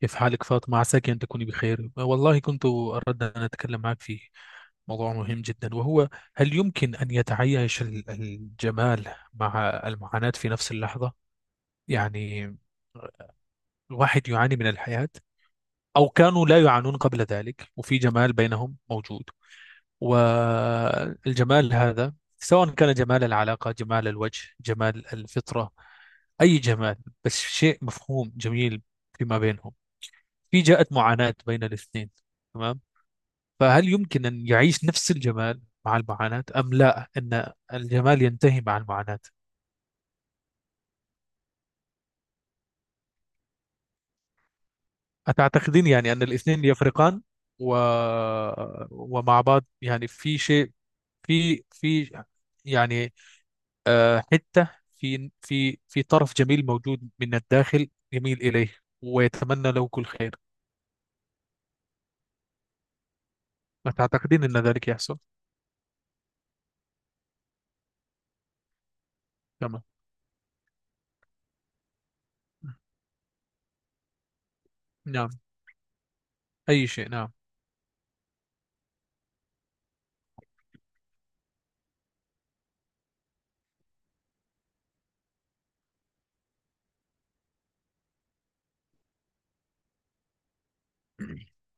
كيف حالك فاطمة؟ عساك أن تكوني بخير. والله كنت أردت أن أتكلم معك في موضوع مهم جدا، وهو هل يمكن أن يتعايش الجمال مع المعاناة في نفس اللحظة؟ يعني الواحد يعاني من الحياة، أو كانوا لا يعانون قبل ذلك وفي جمال بينهم موجود. والجمال هذا، سواء كان جمال العلاقة، جمال الوجه، جمال الفطرة، أي جمال، بس شيء مفهوم جميل فيما بينهم، في جاءت معاناة بين الاثنين، تمام؟ فهل يمكن أن يعيش نفس الجمال مع المعاناة، أم لا، أن الجمال ينتهي مع المعاناة؟ أتعتقدين يعني أن الاثنين يفرقان؟ و... ومع بعض يعني في شيء، في يعني حتة، في طرف جميل موجود من الداخل يميل إليه ويتمنى له كل خير. أتعتقدين أن ذلك يحصل؟ تمام. نعم، أي شيء، نعم.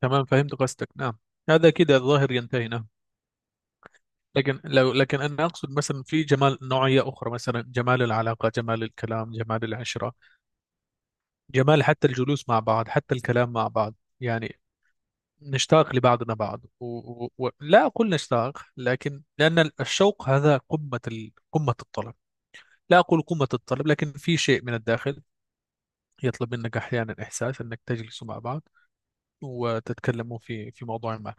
تمام، فهمت قصدك، نعم. هذا كده الظاهر ينتهي، نعم. لكن لو، لكن أنا أقصد مثلا في جمال نوعية أخرى، مثلا جمال العلاقة، جمال الكلام، جمال العشرة، جمال حتى الجلوس مع بعض، حتى الكلام مع بعض، يعني نشتاق لبعضنا بعض لا أقول نشتاق، لكن لأن الشوق هذا قمة قمة الطلب، لا أقول قمة الطلب، لكن في شيء من الداخل يطلب منك أحيانا إحساس أنك تجلس مع بعض وتتكلموا في موضوع ما.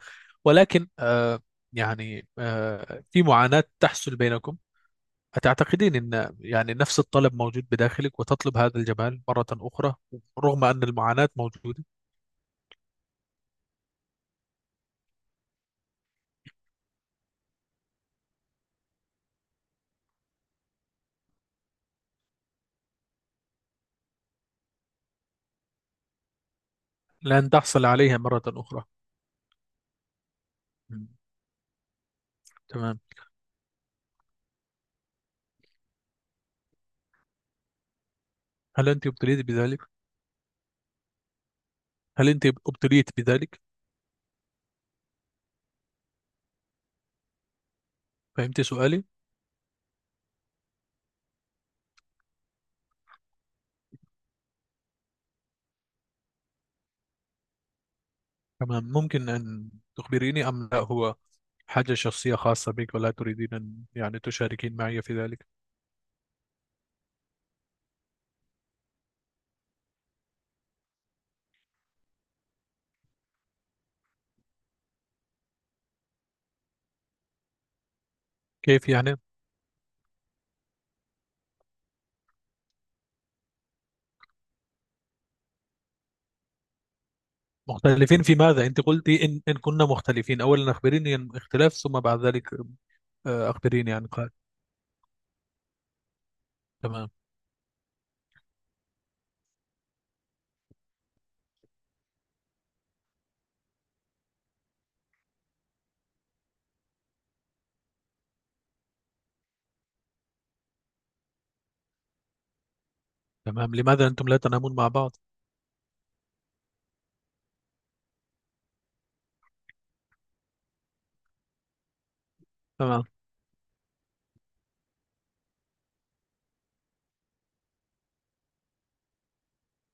ولكن يعني في معاناة تحصل بينكم. أتعتقدين أن يعني نفس الطلب موجود بداخلك وتطلب هذا الجمال مرة أخرى، رغم أن المعاناة موجودة؟ لن تحصل عليها مرة أخرى. مم. تمام. هل أنت ابتليت بذلك؟ هل أنت ابتليت بذلك؟ فهمت سؤالي؟ تمام. ممكن أن تخبريني أم لا، هو حاجة شخصية خاصة بك ولا تريدين أن يعني تشاركين معي في ذلك؟ كيف يعني؟ مختلفين في ماذا؟ انت قلتي ان كنا مختلفين، اولا اخبريني عن الاختلاف، ثم بعد ذلك اخبريني عن قال. تمام. تمام، لماذا انتم لا تنامون مع بعض؟ تمام.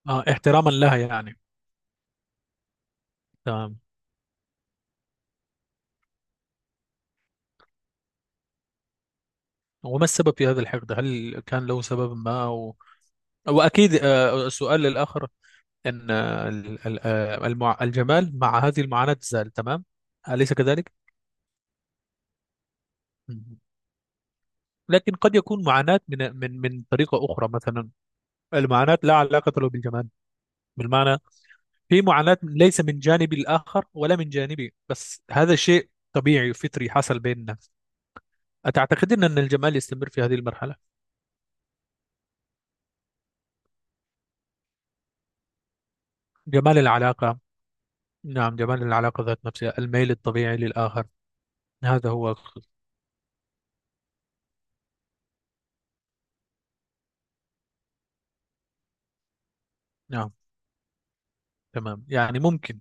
آه، احتراما لها يعني. تمام. وما السبب في هذا الحقد؟ هل كان له سبب ما واكيد السؤال للاخر، ان الجمال مع هذه المعاناة زال، تمام، اليس كذلك؟ مم. لكن قد يكون معاناة من طريقة أخرى مثلا. المعاناة لا علاقة له بالجمال، بالمعنى في معاناة ليس من جانبي الآخر ولا من جانبي، بس هذا شيء طبيعي وفطري حصل بيننا. أتعتقدين أن الجمال يستمر في هذه المرحلة؟ جمال العلاقة. نعم، جمال العلاقة ذات نفسها، الميل الطبيعي للآخر، هذا هو نعم. تمام، يعني ممكن.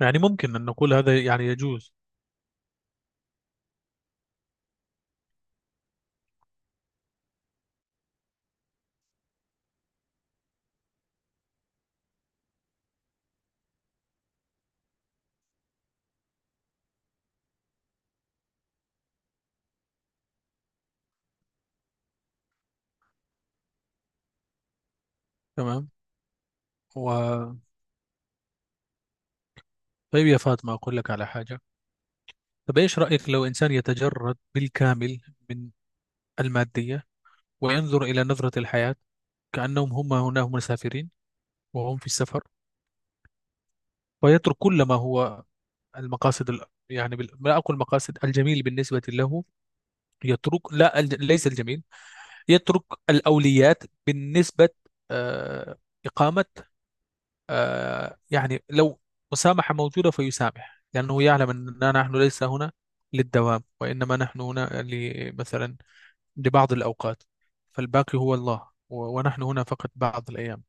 يعني ممكن أن نقول هذا، يعني يجوز. تمام. و... طيب يا فاطمة، أقول لك على حاجة. طب إيش رأيك لو إنسان يتجرد بالكامل من المادية، وينظر إلى نظرة الحياة كأنهم هم هنا مسافرين، وهم في السفر، ويترك كل ما هو المقاصد يعني لا أقول مقاصد الجميل بالنسبة له، يترك لا ليس الجميل، يترك الأوليات بالنسبة، آه... إقامة، يعني لو مسامحة موجودة فيسامح، لأنه يعلم أننا نحن ليس هنا للدوام، وإنما نحن هنا مثلا لبعض الأوقات، فالباقي هو الله ونحن هنا فقط بعض الأيام.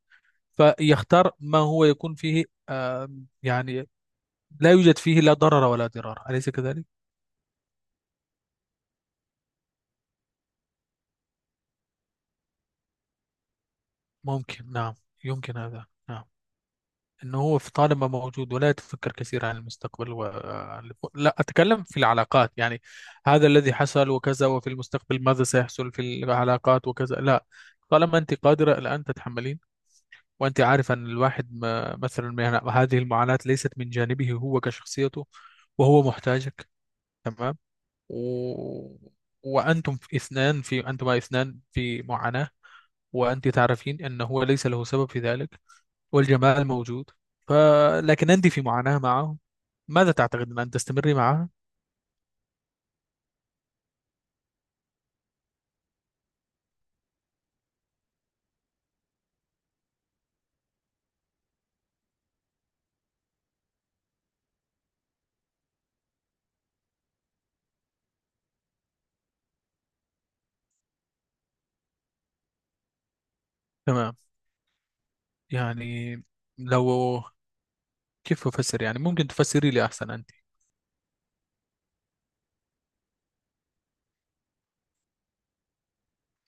فيختار ما هو يكون فيه يعني لا يوجد فيه لا ضرر ولا ضرار، أليس كذلك؟ ممكن، نعم. يمكن هذا، نعم. أنه هو في طالما موجود ولا يتفكر كثير عن المستقبل و... آه، لا أتكلم في العلاقات يعني، هذا الذي حصل وكذا، وفي المستقبل ماذا سيحصل في العلاقات وكذا، لا. طالما أنت قادرة الآن تتحملين، وأنت عارفة أن الواحد ما... مثلا ما- يعني هذه المعاناة ليست من جانبه هو كشخصيته، وهو محتاجك، تمام، و... وأنتم في اثنان، في أنتما اثنان في معاناة، وأنت تعرفين أنه هو ليس له سبب في ذلك، والجمال موجود، ف... لكن أنت في معاناة معه. ماذا تعتقد أن تستمري معها؟ تمام، يعني لو، كيف أفسر؟ يعني ممكن تفسري لي أحسن أنت.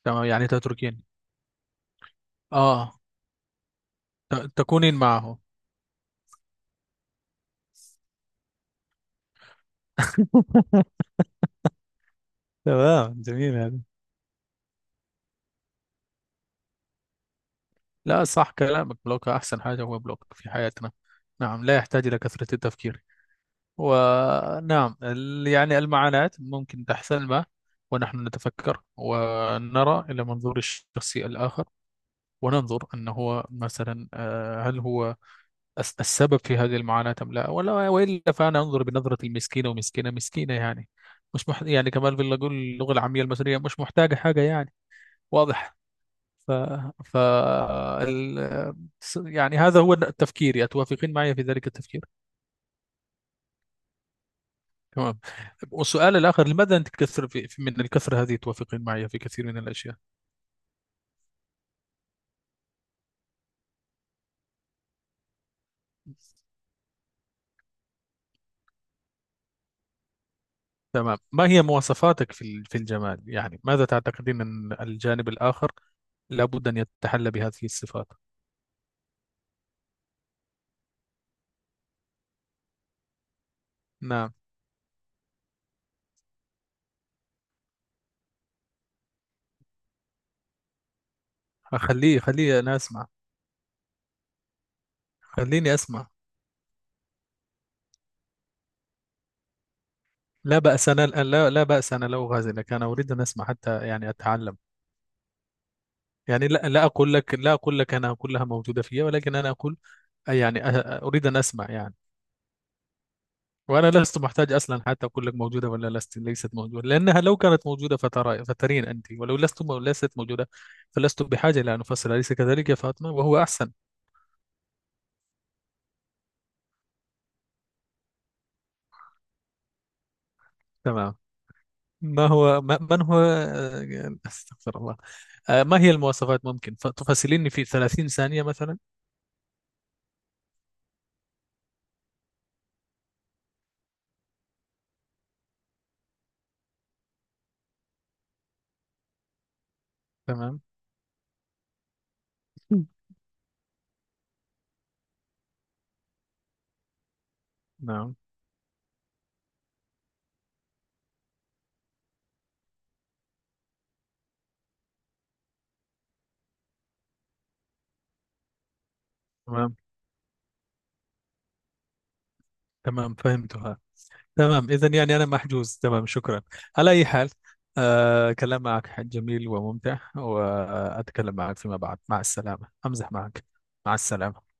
تمام يعني تتركين، آه، تكونين معه. تمام، جميل هذا. لا، صح كلامك، بلوك أحسن حاجة، هو بلوك في حياتنا. نعم، لا يحتاج إلى كثرة التفكير. ونعم يعني المعاناة ممكن تحصلنا، ونحن نتفكر ونرى إلى منظور الشخص الآخر، وننظر أنه هو مثلا، هل هو السبب في هذه المعاناة، أم لا، ولا وإلا فأنا أنظر بنظرة المسكينة ومسكينة مسكينة، يعني مش مح... يعني كمان في، أقول اللغة العامية المصرية مش محتاجة حاجة يعني، واضح. ف... ف... ال... يعني هذا هو التفكير، أتوافقين معي في ذلك التفكير؟ تمام. والسؤال الآخر، لماذا أنت تكثر من الكثرة هذه، توافقين معي في كثير من الأشياء؟ تمام. ما هي مواصفاتك في في الجمال؟ يعني ماذا تعتقدين أن الجانب الآخر لابد أن يتحلى بهذه الصفات؟ نعم. خليه خليه أنا أسمع. خليني أسمع. لا بأس، أنا لا، لا بأس، أنا لا أغازلك، أنا أريد أن أسمع حتى يعني أتعلم. يعني لا، لا أقول لك، لا أقول لك أنا كلها موجودة فيا، ولكن أنا أقول يعني أريد أن أسمع يعني. وأنا لست محتاج أصلا حتى أقول لك موجودة ولا لست ليست موجودة، لأنها لو كانت موجودة فترى فترين أنت، ولو ليست موجودة، فلست بحاجة إلى أن أفصل، أليس كذلك يا فاطمة؟ وهو أحسن. تمام. ما هو؟ ما من هو أستغفر الله. ما هي المواصفات؟ ممكن تفصليني في 30 ثانية مثلا؟ تمام. نعم. تمام. تمام، فهمتها. تمام، إذا يعني أنا محجوز، تمام، شكرا. على أي حال، آه، كلام معك جميل وممتع، وأتكلم معك فيما بعد، مع السلامة. أمزح معك. مع السلامة.